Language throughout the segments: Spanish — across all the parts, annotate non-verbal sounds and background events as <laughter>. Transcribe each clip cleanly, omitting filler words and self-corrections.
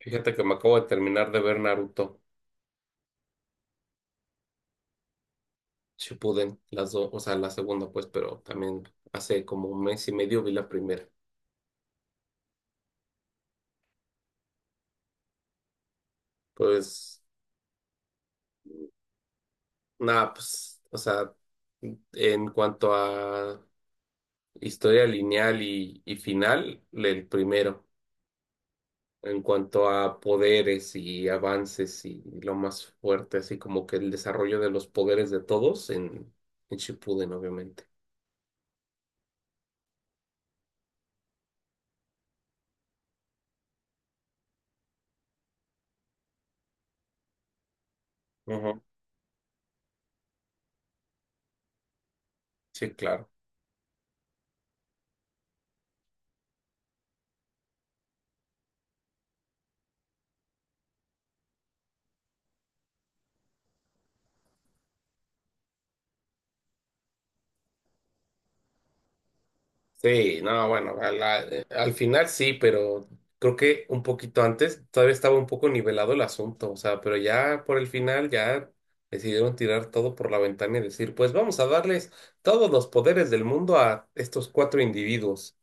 Fíjate que me acabo de terminar de ver Naruto Shippuden, las dos, o sea, la segunda pues, pero también hace como un mes y medio vi la primera. Pues nada, pues, o sea, en cuanto a historia lineal y final, el primero. En cuanto a poderes y avances y lo más fuerte, así como que el desarrollo de los poderes de todos en Shippuden, obviamente. Ujú. Sí, claro. Sí, no, bueno, al final sí, pero creo que un poquito antes todavía estaba un poco nivelado el asunto, o sea, pero ya por el final ya decidieron tirar todo por la ventana y decir, pues vamos a darles todos los poderes del mundo a estos cuatro individuos.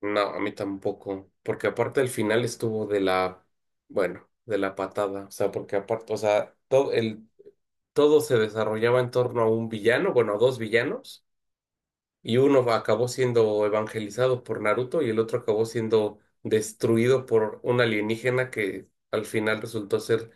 No, a mí tampoco, porque aparte el final estuvo de la, bueno, de la patada, o sea, porque aparte, o sea, todo se desarrollaba en torno a un villano, bueno, a dos villanos. Y uno acabó siendo evangelizado por Naruto y el otro acabó siendo destruido por un alienígena que al final resultó ser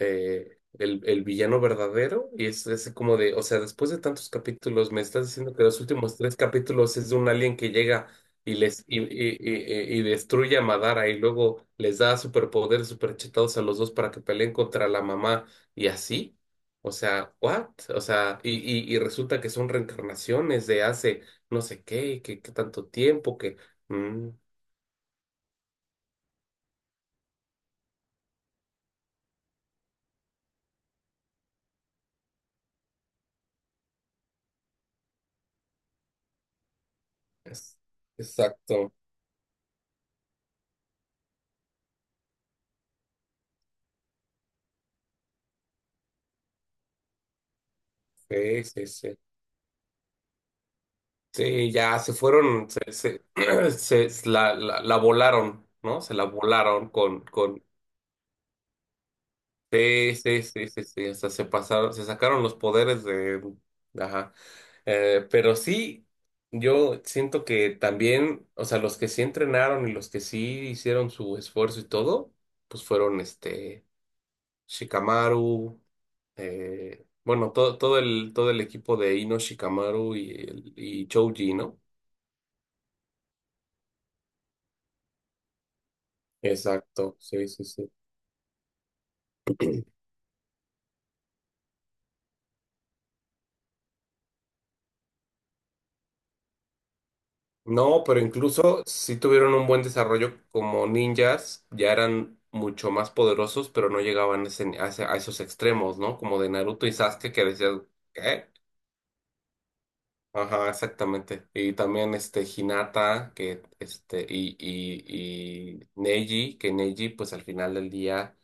el villano verdadero y es como de, o sea, después de tantos capítulos, me estás diciendo que los últimos tres capítulos es de un alien que llega y les y destruye a Madara y luego les da superpoderes superchetados a los dos para que peleen contra la mamá y así. O sea, what? O sea, y resulta que son reencarnaciones de hace no sé qué, que tanto tiempo que... mm, es- exacto. Sí, sí, sí. Sí, ya se fueron, se, <clears throat> se- se la, la, la volaron, ¿no? Se la volaron con, sí, sí, sí, sí, sí, hasta se pasaron, se sacaron los poderes de, ajá. Pero sí, yo siento que también, o sea, los que sí entrenaron y los que sí hicieron su esfuerzo y todo, pues fueron este, Shikamaru, bueno, todo el equipo de Ino Shikamaru y Choji, ¿no? Exacto, sí, sí, sí. No, pero incluso si tuvieron un buen desarrollo como ninjas, ya eran mucho más poderosos, pero no llegaban a esos extremos, ¿no? Como de Naruto y Sasuke que decían, ¿qué? Ajá, exactamente. Y también este Hinata, que este, y Neji, que Neji, pues al final del día,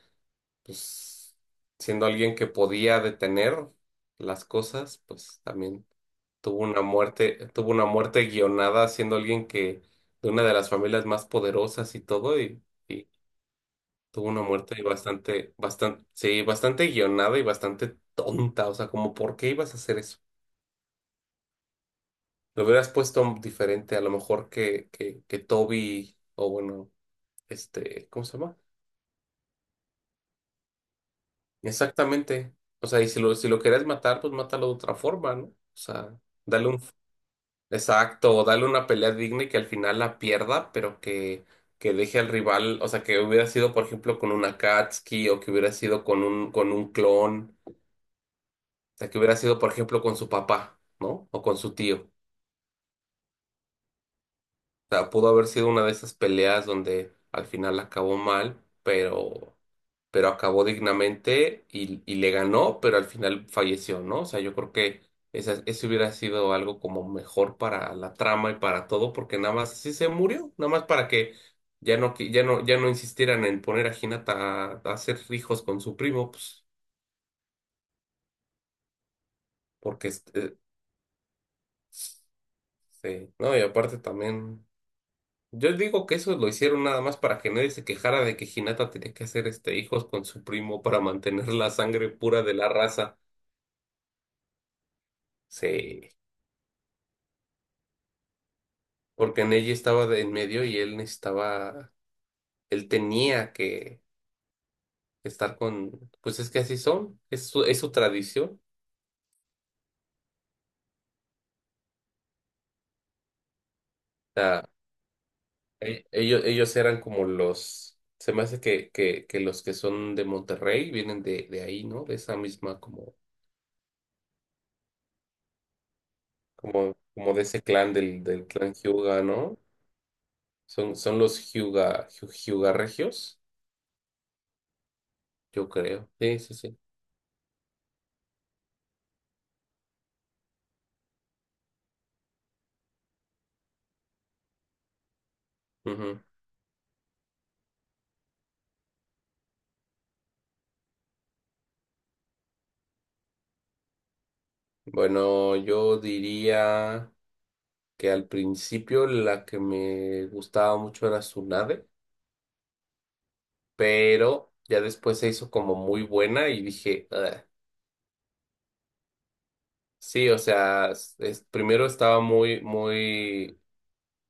pues siendo alguien que podía detener las cosas, pues también. Tuvo una muerte guionada siendo alguien que, de una de las familias más poderosas y todo, y tuvo una muerte sí, bastante guionada y bastante tonta. O sea, como, ¿por qué ibas a hacer eso? Lo hubieras puesto diferente, a lo mejor que Toby, o bueno, este, ¿cómo se llama? Exactamente. O sea, y si lo querías matar, pues mátalo de otra forma, ¿no? O sea, dale un. Exacto, o darle una pelea digna y que al final la pierda, pero que deje al rival, o sea, que hubiera sido, por ejemplo, con una Akatsuki o que hubiera sido con un clon, o sea, que hubiera sido, por ejemplo, con su papá, ¿no? O con su tío. Sea, pudo haber sido una de esas peleas donde al final acabó mal, pero acabó dignamente y le ganó, pero al final falleció, ¿no? O sea, yo creo que esa, eso hubiera sido algo como mejor para la trama y para todo, porque nada más así se murió, nada más para que ya no insistieran en poner a Hinata a hacer hijos con su primo, pues, porque este, sí, ¿no? Y aparte también. Yo digo que eso lo hicieron nada más para que nadie se quejara de que Hinata tenía que hacer este hijos con su primo para mantener la sangre pura de la raza. Sí, porque Neji estaba de en medio y él necesitaba, él tenía que estar con, pues es que así son, es su tradición. O sea, e- ellos eran como los, se me hace que los que son de Monterrey vienen de ahí, ¿no? De esa misma como, como de ese clan del, del clan Hyuga, ¿no? Son, son los Hyuga, Hyu- Hyuga Regios, yo creo. Sí, sí, sí. Ujú. Bueno, yo diría que al principio la que me gustaba mucho era Tsunade, pero ya después se hizo como muy buena y dije, "Ugh". Sí, o sea, primero estaba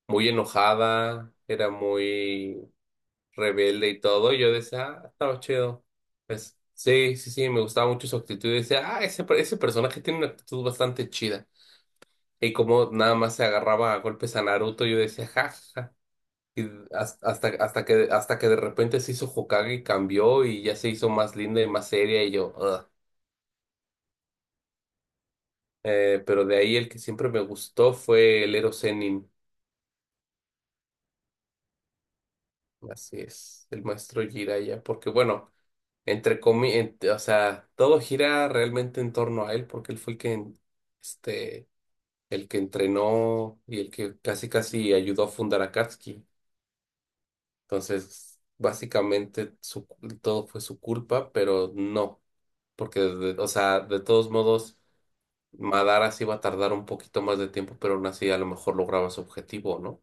muy enojada, era muy rebelde y todo, y yo decía, ah, estaba chido. Pues, sí, sí, sí, me gustaba mucho su actitud. Y decía, ah, ese personaje tiene una actitud bastante chida. Y como nada más se agarraba a golpes a Naruto, yo decía, ja, ja, ja. Hasta que de repente se hizo Hokage y cambió y ya se hizo más linda y más seria, y yo, "Ugh". Pero de ahí el que siempre me gustó fue el Ero Sennin. Así es, el maestro Jiraiya, porque bueno, entre comillas, o sea, todo gira realmente en torno a él porque él fue el que, este, el que entrenó y el que casi casi ayudó a fundar a Katsuki. Entonces, básicamente todo fue su culpa, pero no, porque, de- o sea, de todos modos, Madara sí iba a tardar un poquito más de tiempo, pero aún así a lo mejor lograba su objetivo, ¿no?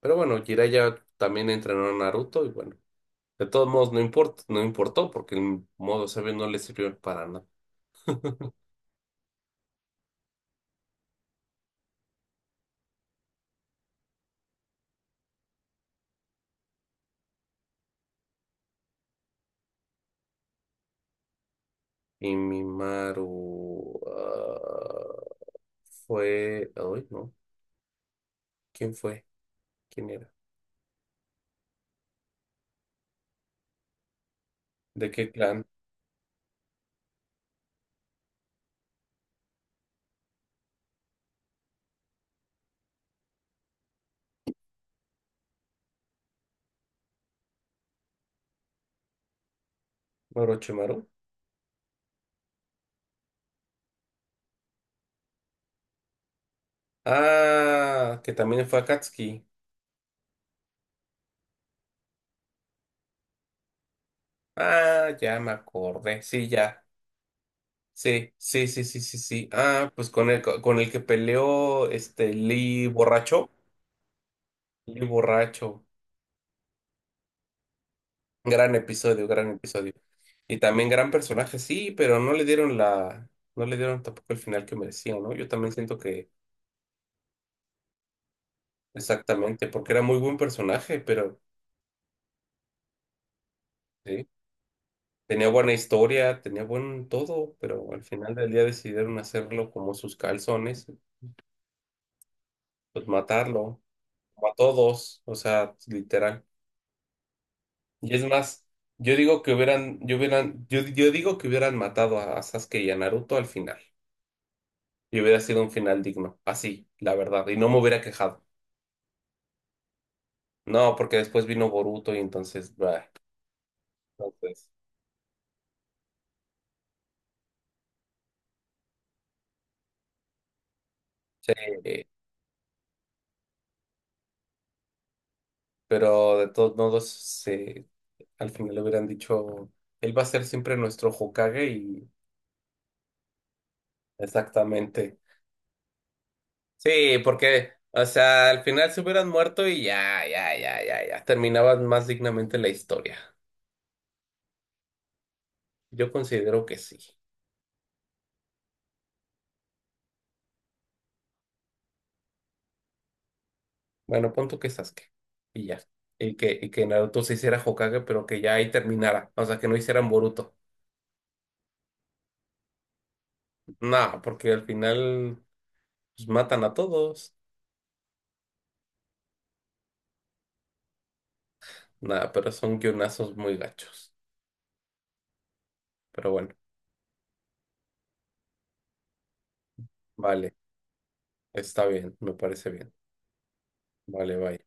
Pero bueno, Jiraiya también entrenó a Naruto y bueno, de todos modos no importa, no importó porque el modo sabio no le sirvió para nada. Y Mimaru, ah, fue. Ay, no. ¿Quién fue? ¿Quién era? ¿De qué clan? ¿Orochimaru? Ah, que también fue Akatsuki. Ah, ya me acordé. Sí, ya. Sí, sí, sí, sí, sí, sí. Ah, pues con el que peleó este Lee borracho. Lee borracho. Gran episodio, gran episodio. Y también gran personaje, sí, pero no le dieron la. No le dieron tampoco el final que merecía, ¿no? Yo también siento que. Exactamente, porque era muy buen personaje, pero sí, tenía buena historia, tenía buen todo, pero al final del día decidieron hacerlo como sus calzones, pues matarlo, como a todos, o sea, literal. Y es más, yo digo que hubieran, yo hubieran, yo digo que hubieran matado a Sasuke y a Naruto al final, y hubiera sido un final digno, así, la verdad, y no me hubiera quejado. No, porque después vino Boruto y entonces, bah, entonces, sí, pero de todos modos, sí, al final le hubieran dicho, él va a ser siempre nuestro Hokage y exactamente. Sí, porque, o sea, al final se hubieran muerto y ya. Terminaban más dignamente la historia. Yo considero que sí. Bueno, pon tú que Sasuke. Y ya. Y y que Naruto se hiciera Hokage, pero que ya ahí terminara. O sea, que no hicieran Boruto. Nada, porque al final pues, matan a todos. Nada, pero son guionazos muy gachos. Pero bueno, vale. Está bien, me parece bien. Vale, bye.